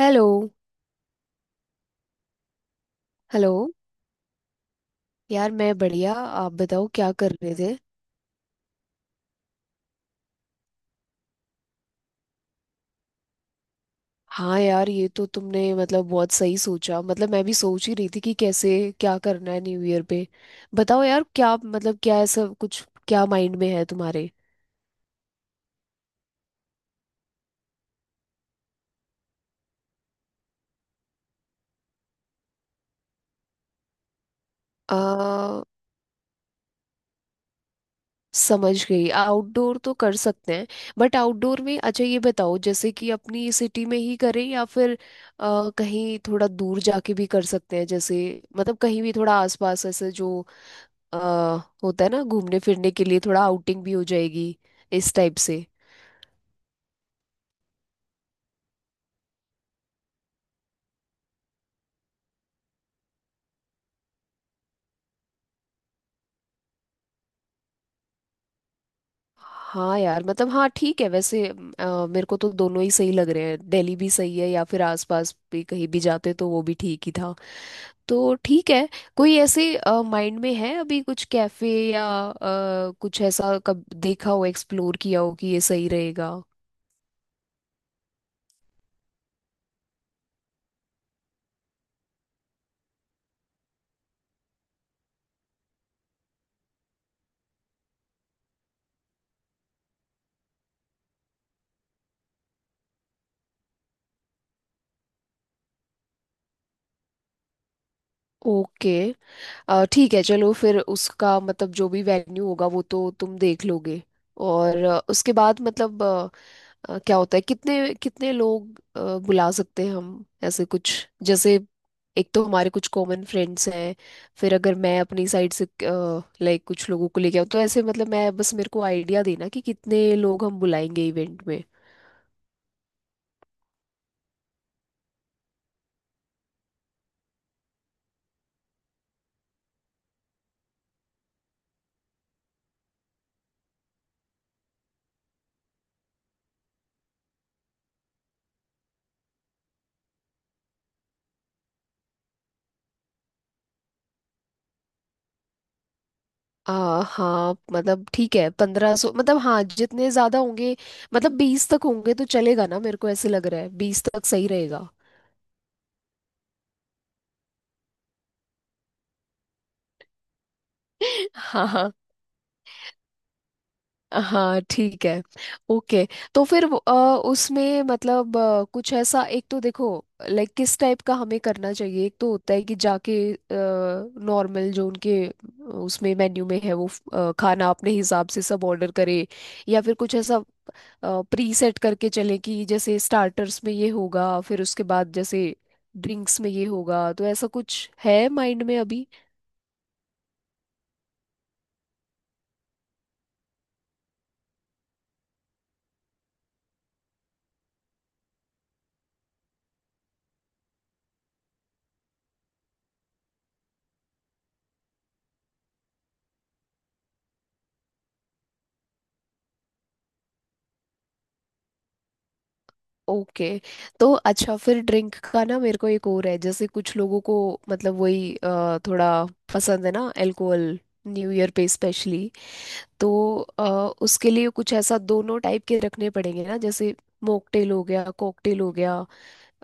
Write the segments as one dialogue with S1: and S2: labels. S1: Hello. Hello. यार मैं बढ़िया, आप बताओ क्या कर रहे थे? हाँ यार, ये तो तुमने मतलब बहुत सही सोचा। मतलब मैं भी सोच ही रही थी कि कैसे क्या करना है न्यू ईयर पे। बताओ यार, क्या मतलब क्या ऐसा कुछ क्या माइंड में है तुम्हारे? आ, समझ गई। आउटडोर तो कर सकते हैं, बट आउटडोर में अच्छा ये बताओ जैसे कि अपनी सिटी में ही करें या फिर कहीं थोड़ा दूर जाके भी कर सकते हैं। जैसे मतलब कहीं भी थोड़ा आसपास ऐसे जो अ, होता है ना, घूमने फिरने के लिए थोड़ा आउटिंग भी हो जाएगी इस टाइप से। हाँ यार, मतलब हाँ ठीक है। वैसे मेरे को तो दोनों ही सही लग रहे हैं। दिल्ली भी सही है या फिर आसपास भी कहीं भी जाते तो वो भी ठीक ही था। तो ठीक है। कोई ऐसे माइंड में है अभी कुछ कैफे या कुछ ऐसा कब देखा हो, एक्सप्लोर किया हो कि ये सही रहेगा? ओके। ठीक है, चलो फिर उसका मतलब जो भी वेन्यू होगा वो तो तुम देख लोगे। और उसके बाद मतलब क्या होता है, कितने कितने लोग बुला सकते हैं हम ऐसे कुछ, जैसे एक तो हमारे कुछ कॉमन फ्रेंड्स हैं, फिर अगर मैं अपनी साइड से लाइक कुछ लोगों को लेके आऊँ तो ऐसे, मतलब मैं बस मेरे को आइडिया देना कि कितने लोग हम बुलाएंगे इवेंट में। हाँ मतलब ठीक है, 1500 मतलब हाँ जितने ज्यादा होंगे। मतलब 20 तक होंगे तो चलेगा ना, मेरे को ऐसे लग रहा है 20 तक सही रहेगा। हाँ। हाँ ठीक है। ओके। तो फिर उसमें मतलब कुछ ऐसा एक तो देखो लाइक किस टाइप का हमें करना चाहिए। एक तो होता है कि जाके नॉर्मल जो उनके उसमें मेन्यू में है वो खाना अपने हिसाब से सब ऑर्डर करे, या फिर कुछ ऐसा प्री सेट करके चले कि जैसे स्टार्टर्स में ये होगा, फिर उसके बाद जैसे ड्रिंक्स में ये होगा। तो ऐसा कुछ है माइंड में अभी? ओके। तो अच्छा, फिर ड्रिंक का ना मेरे को एक और है, जैसे कुछ लोगों को मतलब वही थोड़ा पसंद है ना अल्कोहल न्यू ईयर पे, स्पेशली। तो उसके लिए कुछ ऐसा दोनों टाइप के रखने पड़ेंगे ना, जैसे मॉकटेल हो गया, कॉकटेल हो गया।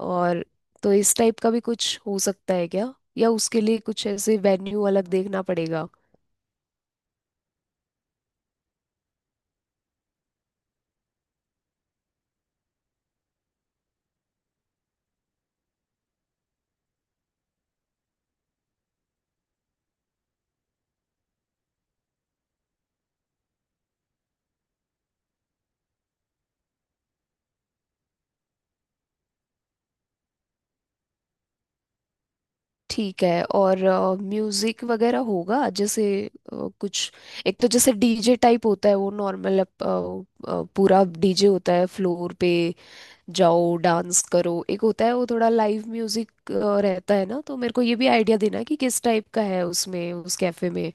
S1: और तो इस टाइप का भी कुछ हो सकता है क्या, या उसके लिए कुछ ऐसे वेन्यू अलग देखना पड़ेगा? ठीक है। और म्यूजिक वगैरह होगा जैसे कुछ? एक तो जैसे डीजे टाइप होता है, वो नॉर्मल पूरा डीजे होता है, फ्लोर पे जाओ डांस करो। एक होता है वो थोड़ा लाइव म्यूजिक रहता है ना। तो मेरे को ये भी आइडिया देना कि किस टाइप का है उसमें, उस कैफे में।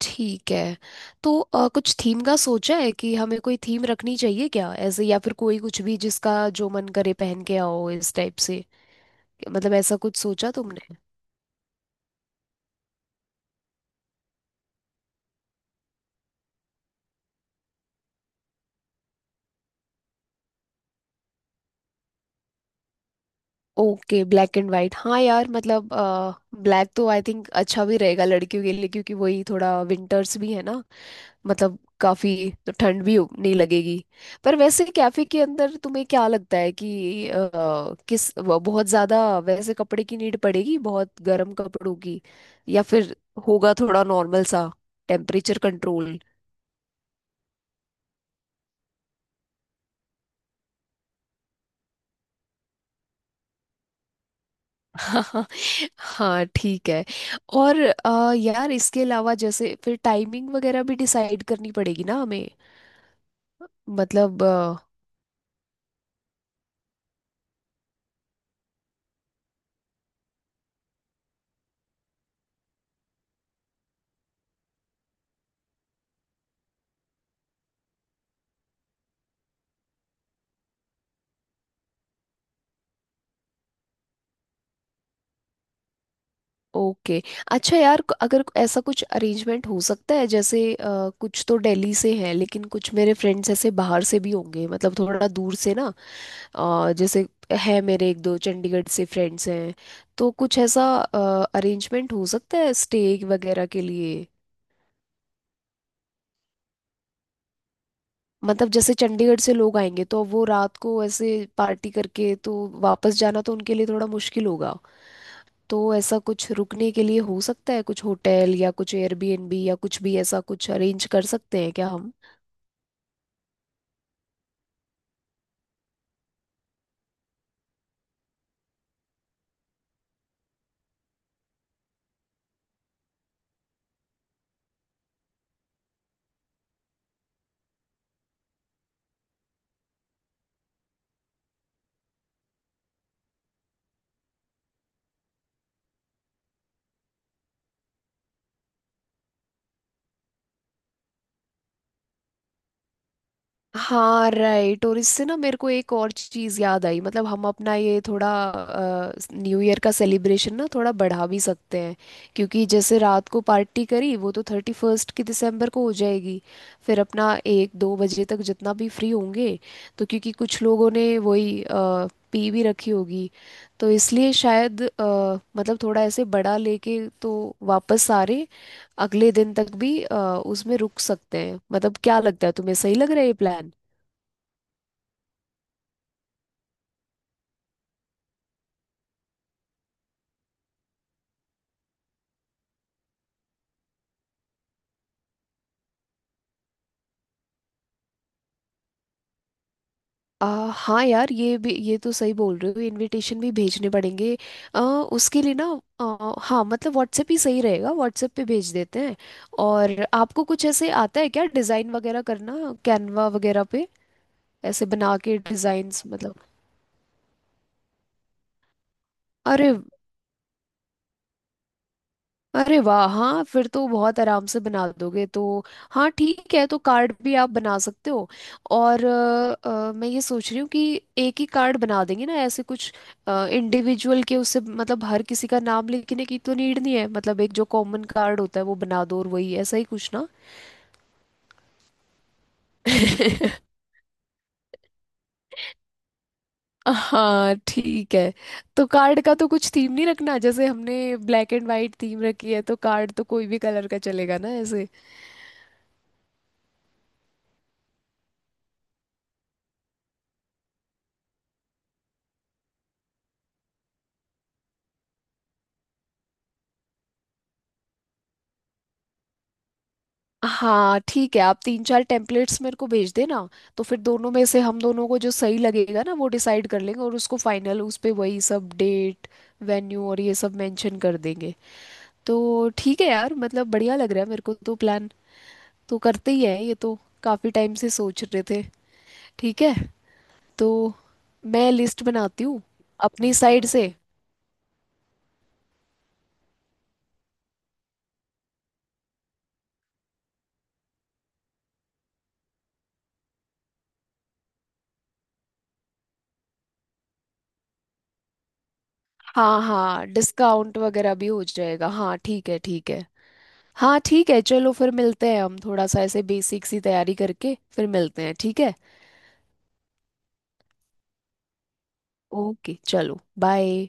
S1: ठीक है। तो कुछ थीम का सोचा है कि हमें कोई थीम रखनी चाहिए क्या ऐसे, या फिर कोई कुछ भी जिसका जो मन करे पहन के आओ इस टाइप से? मतलब ऐसा कुछ सोचा तुमने? Okay, black and white. हाँ यार, मतलब ब्लैक तो आई थिंक अच्छा भी रहेगा लड़कियों के लिए क्योंकि वही थोड़ा विंटर्स भी है ना। मतलब काफी, तो ठंड भी नहीं लगेगी। पर वैसे कैफे के अंदर तुम्हें क्या लगता है कि किस वो बहुत ज्यादा वैसे कपड़े की नीड पड़ेगी, बहुत गर्म कपड़ों की, या फिर होगा थोड़ा नॉर्मल सा टेम्परेचर कंट्रोल? हाँ। हाँ ठीक है। और यार, इसके अलावा जैसे फिर टाइमिंग वगैरह भी डिसाइड करनी पड़ेगी ना हमें, मतलब ओके। अच्छा यार, अगर ऐसा कुछ अरेंजमेंट हो सकता है, जैसे कुछ तो दिल्ली से हैं, लेकिन कुछ मेरे फ्रेंड्स ऐसे बाहर से भी होंगे, मतलब थोड़ा दूर से ना। जैसे है मेरे 1-2 चंडीगढ़ से फ्रेंड्स हैं, तो कुछ ऐसा अरेंजमेंट हो सकता है स्टे वगैरह के लिए? मतलब जैसे चंडीगढ़ से लोग आएंगे तो वो रात को ऐसे पार्टी करके तो वापस जाना तो उनके लिए थोड़ा मुश्किल होगा। तो ऐसा कुछ रुकने के लिए हो सकता है कुछ होटल या कुछ एयरबीएनबी या कुछ भी ऐसा कुछ अरेंज कर सकते हैं क्या हम? हाँ राइट, और इससे ना मेरे को एक और चीज़ याद आई, मतलब हम अपना ये थोड़ा न्यू ईयर का सेलिब्रेशन ना थोड़ा बढ़ा भी सकते हैं क्योंकि जैसे रात को पार्टी करी वो तो 31st की दिसंबर को हो जाएगी। फिर अपना 1-2 बजे तक जितना भी फ्री होंगे तो, क्योंकि कुछ लोगों ने वही पी भी रखी होगी, तो इसलिए शायद मतलब थोड़ा ऐसे बड़ा लेके तो वापस सारे अगले दिन तक भी उसमें रुक सकते हैं। मतलब क्या लगता है तुम्हें, सही लग रहा है ये प्लान? आ, हाँ यार, ये भी ये तो सही बोल रहे हो, इनविटेशन भी भेजने पड़ेंगे। उसके लिए ना हाँ मतलब व्हाट्सएप ही सही रहेगा। व्हाट्सएप पे भेज देते हैं। और आपको कुछ ऐसे आता है क्या डिज़ाइन वगैरह करना, कैनवा वगैरह पे ऐसे बना के डिज़ाइंस मतलब? अरे, अरे वाह! हाँ फिर तो बहुत आराम से बना दोगे तो। हाँ ठीक है, तो कार्ड भी आप बना सकते हो। और मैं ये सोच रही हूँ कि एक ही कार्ड बना देंगे ना ऐसे, कुछ इंडिविजुअल के उससे मतलब हर किसी का नाम लिखने की तो नीड नहीं है। मतलब एक जो कॉमन कार्ड होता है वो बना दो, और वही ऐसा ही कुछ ना। हाँ ठीक है। तो कार्ड का तो कुछ थीम नहीं रखना, जैसे हमने ब्लैक एंड वाइट थीम रखी है तो कार्ड तो कोई भी कलर का चलेगा ना ऐसे? हाँ ठीक है। आप 3-4 टेम्पलेट्स मेरे को भेज देना, तो फिर दोनों में से हम दोनों को जो सही लगेगा ना वो डिसाइड कर लेंगे, और उसको फाइनल उस पे वही सब डेट, वेन्यू और ये सब मेंशन कर देंगे। तो ठीक है यार, मतलब बढ़िया लग रहा है मेरे को तो प्लान। तो करते ही है, ये तो काफ़ी टाइम से सोच रहे थे। ठीक है। तो मैं लिस्ट बनाती हूँ अपनी साइड से। हाँ हाँ, डिस्काउंट वगैरह भी हो जाएगा। हाँ ठीक है, ठीक है। हाँ ठीक है, चलो फिर मिलते हैं। हम थोड़ा सा ऐसे बेसिक सी तैयारी करके फिर मिलते हैं, ठीक है? ओके, चलो बाय।